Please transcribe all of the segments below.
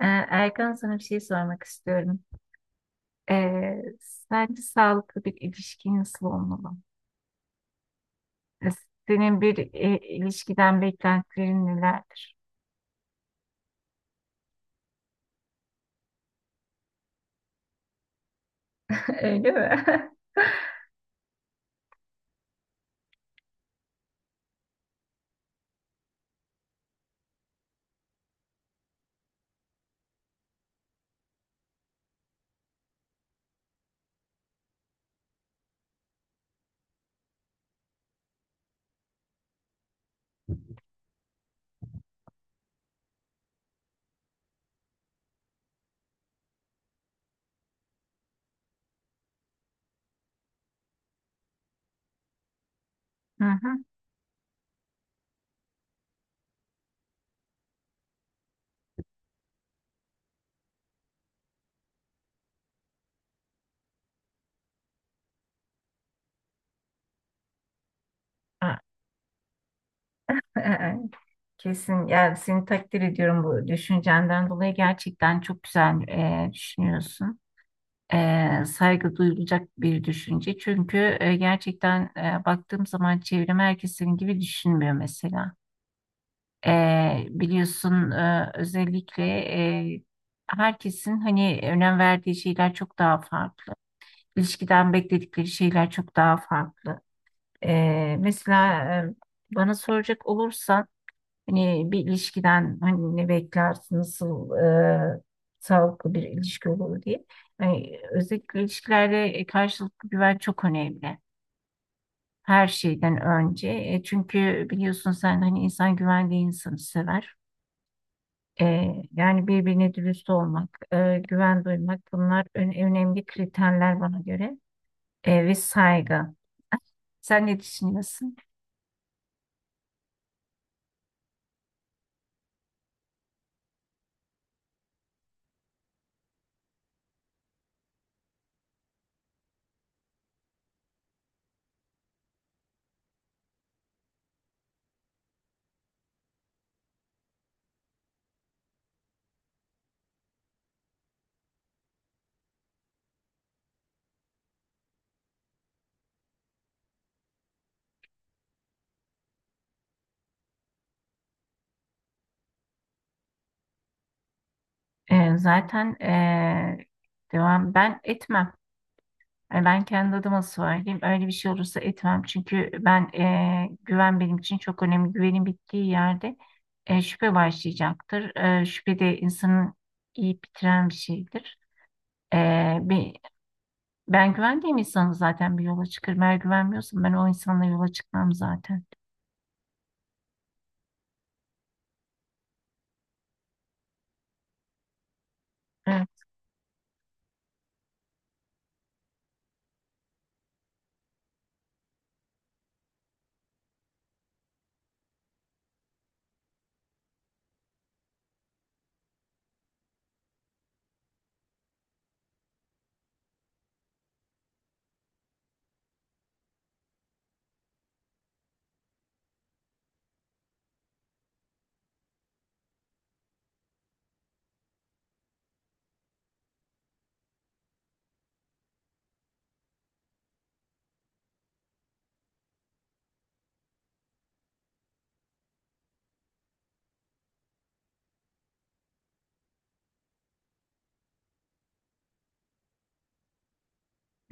Erkan, sana bir şey sormak istiyorum. Ee, Sence sağlıklı bir ilişki nasıl olmalı? Ee, Senin bir ilişkiden beklentilerin nelerdir? Öyle mi? Hı hı. Ha, e, Kesin, yani seni takdir ediyorum bu düşüncenden dolayı. Gerçekten çok güzel düşünüyorsun. Saygı duyulacak bir düşünce. Çünkü gerçekten baktığım zaman çevrem herkes senin gibi düşünmüyor mesela. Biliyorsun özellikle herkesin hani önem verdiği şeyler çok daha farklı. İlişkiden bekledikleri şeyler çok daha farklı. Mesela bana soracak olursan hani bir ilişkiden hani ne beklersin, nasıl sağlıklı bir ilişki olur diye. Yani özellikle ilişkilerde karşılıklı güven çok önemli. Her şeyden önce. Çünkü biliyorsun sen, hani insan güvendiği insanı sever. Yani birbirine dürüst olmak, güven duymak, bunlar önemli kriterler bana göre. Ve saygı. Sen ne düşünüyorsun? Zaten devam ben etmem. Yani ben kendi adıma söyleyeyim. Öyle bir şey olursa etmem. Çünkü ben, güven benim için çok önemli. Güvenin bittiği yerde şüphe başlayacaktır. Şüphe de insanın iyi bitiren bir şeydir. Ben güvendiğim insanı zaten bir yola çıkarım. Eğer güvenmiyorsam ben o insanla yola çıkmam zaten. Evet.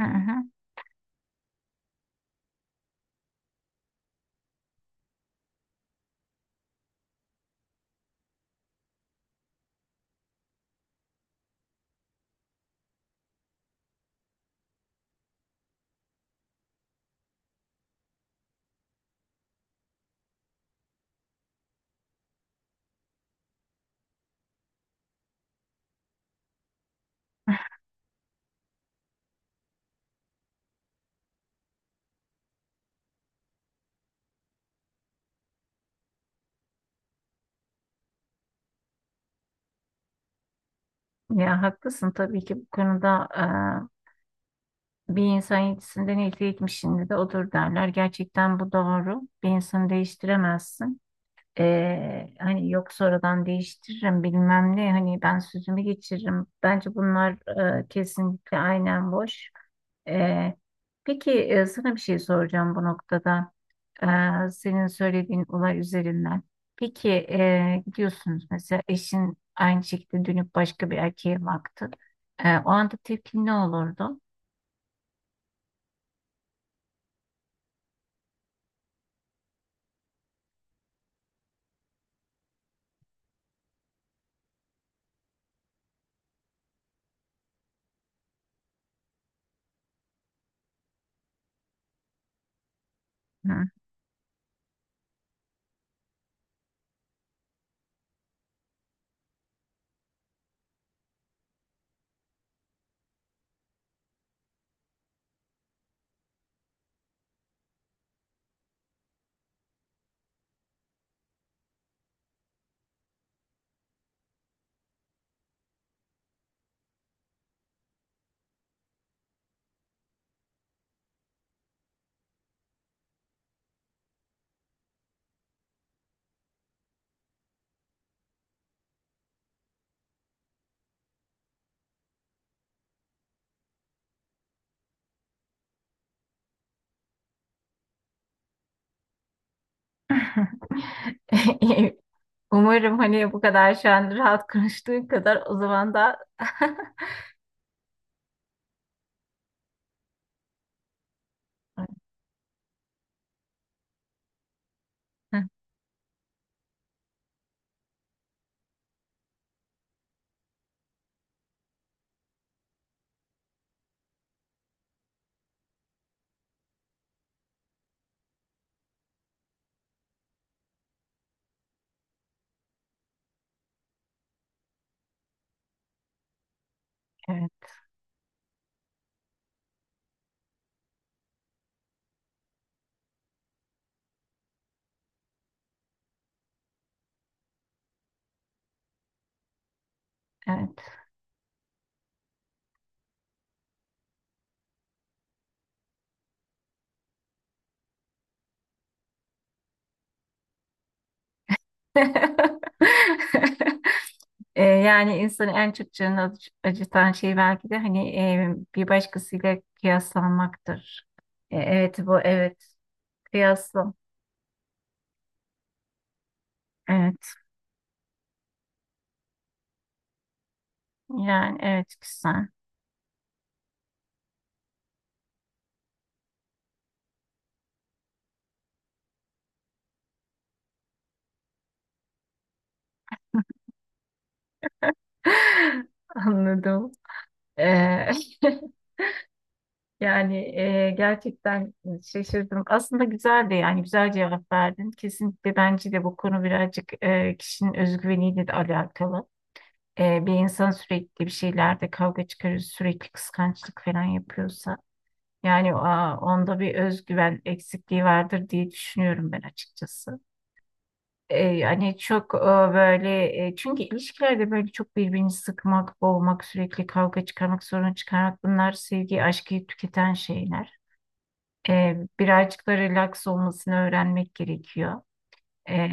Hı hı. Ya haklısın tabii ki. Bu konuda bir insan yetisinden elde etmişinde de odur derler. Gerçekten bu doğru. Bir insanı değiştiremezsin. Hani yok, sonradan değiştiririm bilmem ne, hani ben sözümü geçiririm. Bence bunlar kesinlikle aynen boş. E, peki, sana bir şey soracağım bu noktada. Senin söylediğin olay üzerinden. Peki, gidiyorsunuz mesela, eşin aynı şekilde dönüp başka bir erkeğe baktı. O anda tepkin ne olurdu? Hı. Umarım hani bu kadar şu an rahat konuştuğun kadar o zaman da Hı, evet, evet. Yani insanı en çok canını acıtan şey belki de hani bir başkasıyla kıyaslanmaktır. Evet, bu evet. Kıyaslı. Evet. Yani evet, güzel. Anladım. Ee, yani gerçekten şaşırdım. Aslında güzeldi, yani güzel cevap verdin. Kesinlikle bence de bu konu birazcık kişinin özgüveniyle de alakalı. Bir insan sürekli bir şeylerde kavga çıkarır, sürekli kıskançlık falan yapıyorsa, yani aa, onda bir özgüven eksikliği vardır diye düşünüyorum ben açıkçası. E, yani çok e, böyle çünkü ilişkilerde böyle çok birbirini sıkmak, boğmak, sürekli kavga çıkarmak, sorun çıkarmak, bunlar sevgi, aşkı tüketen şeyler. Birazcık da relax olmasını öğrenmek gerekiyor. E,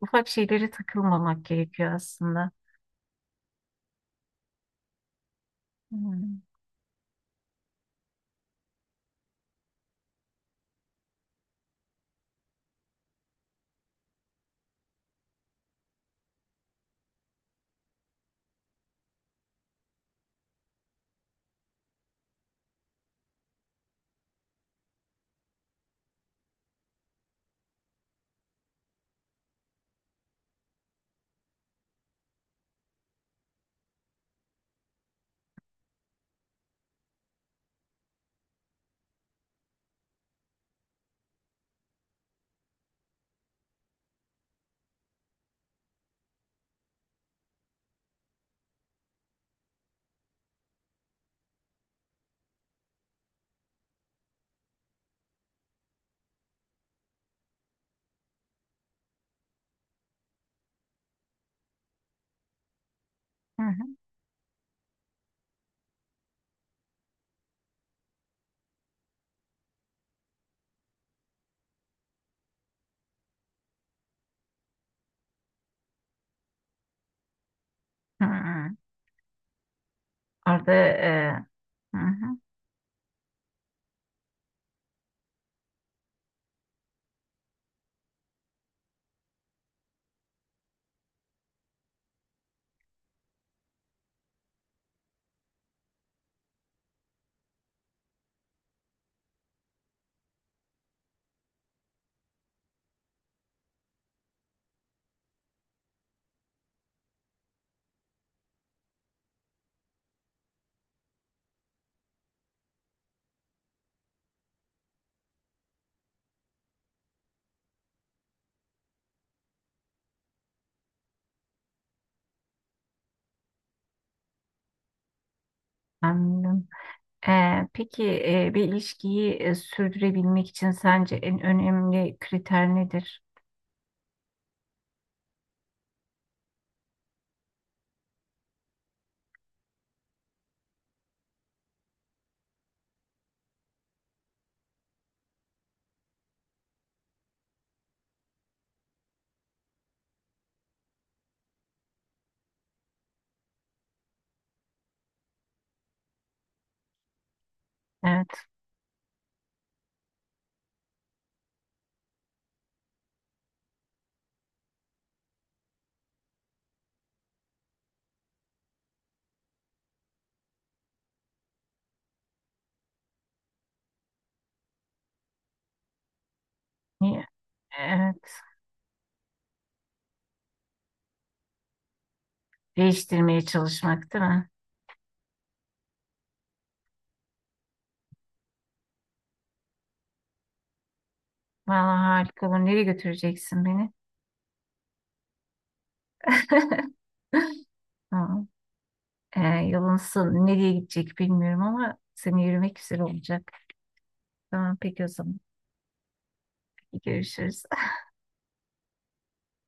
Ufak şeylere takılmamak gerekiyor aslında. Hmm. Hı hı. Hı hı. Orada hı hı. Anladım. Peki, bir ilişkiyi sürdürebilmek için sence en önemli kriter nedir? Evet. Niye? Evet. Değiştirmeye çalışmak değil mi? Vallahi harika olur. Nereye götüreceksin beni? Tamam. Ee, yolun nereye gidecek bilmiyorum ama seni yürümek güzel olacak. Tamam peki o zaman. Görüşürüz.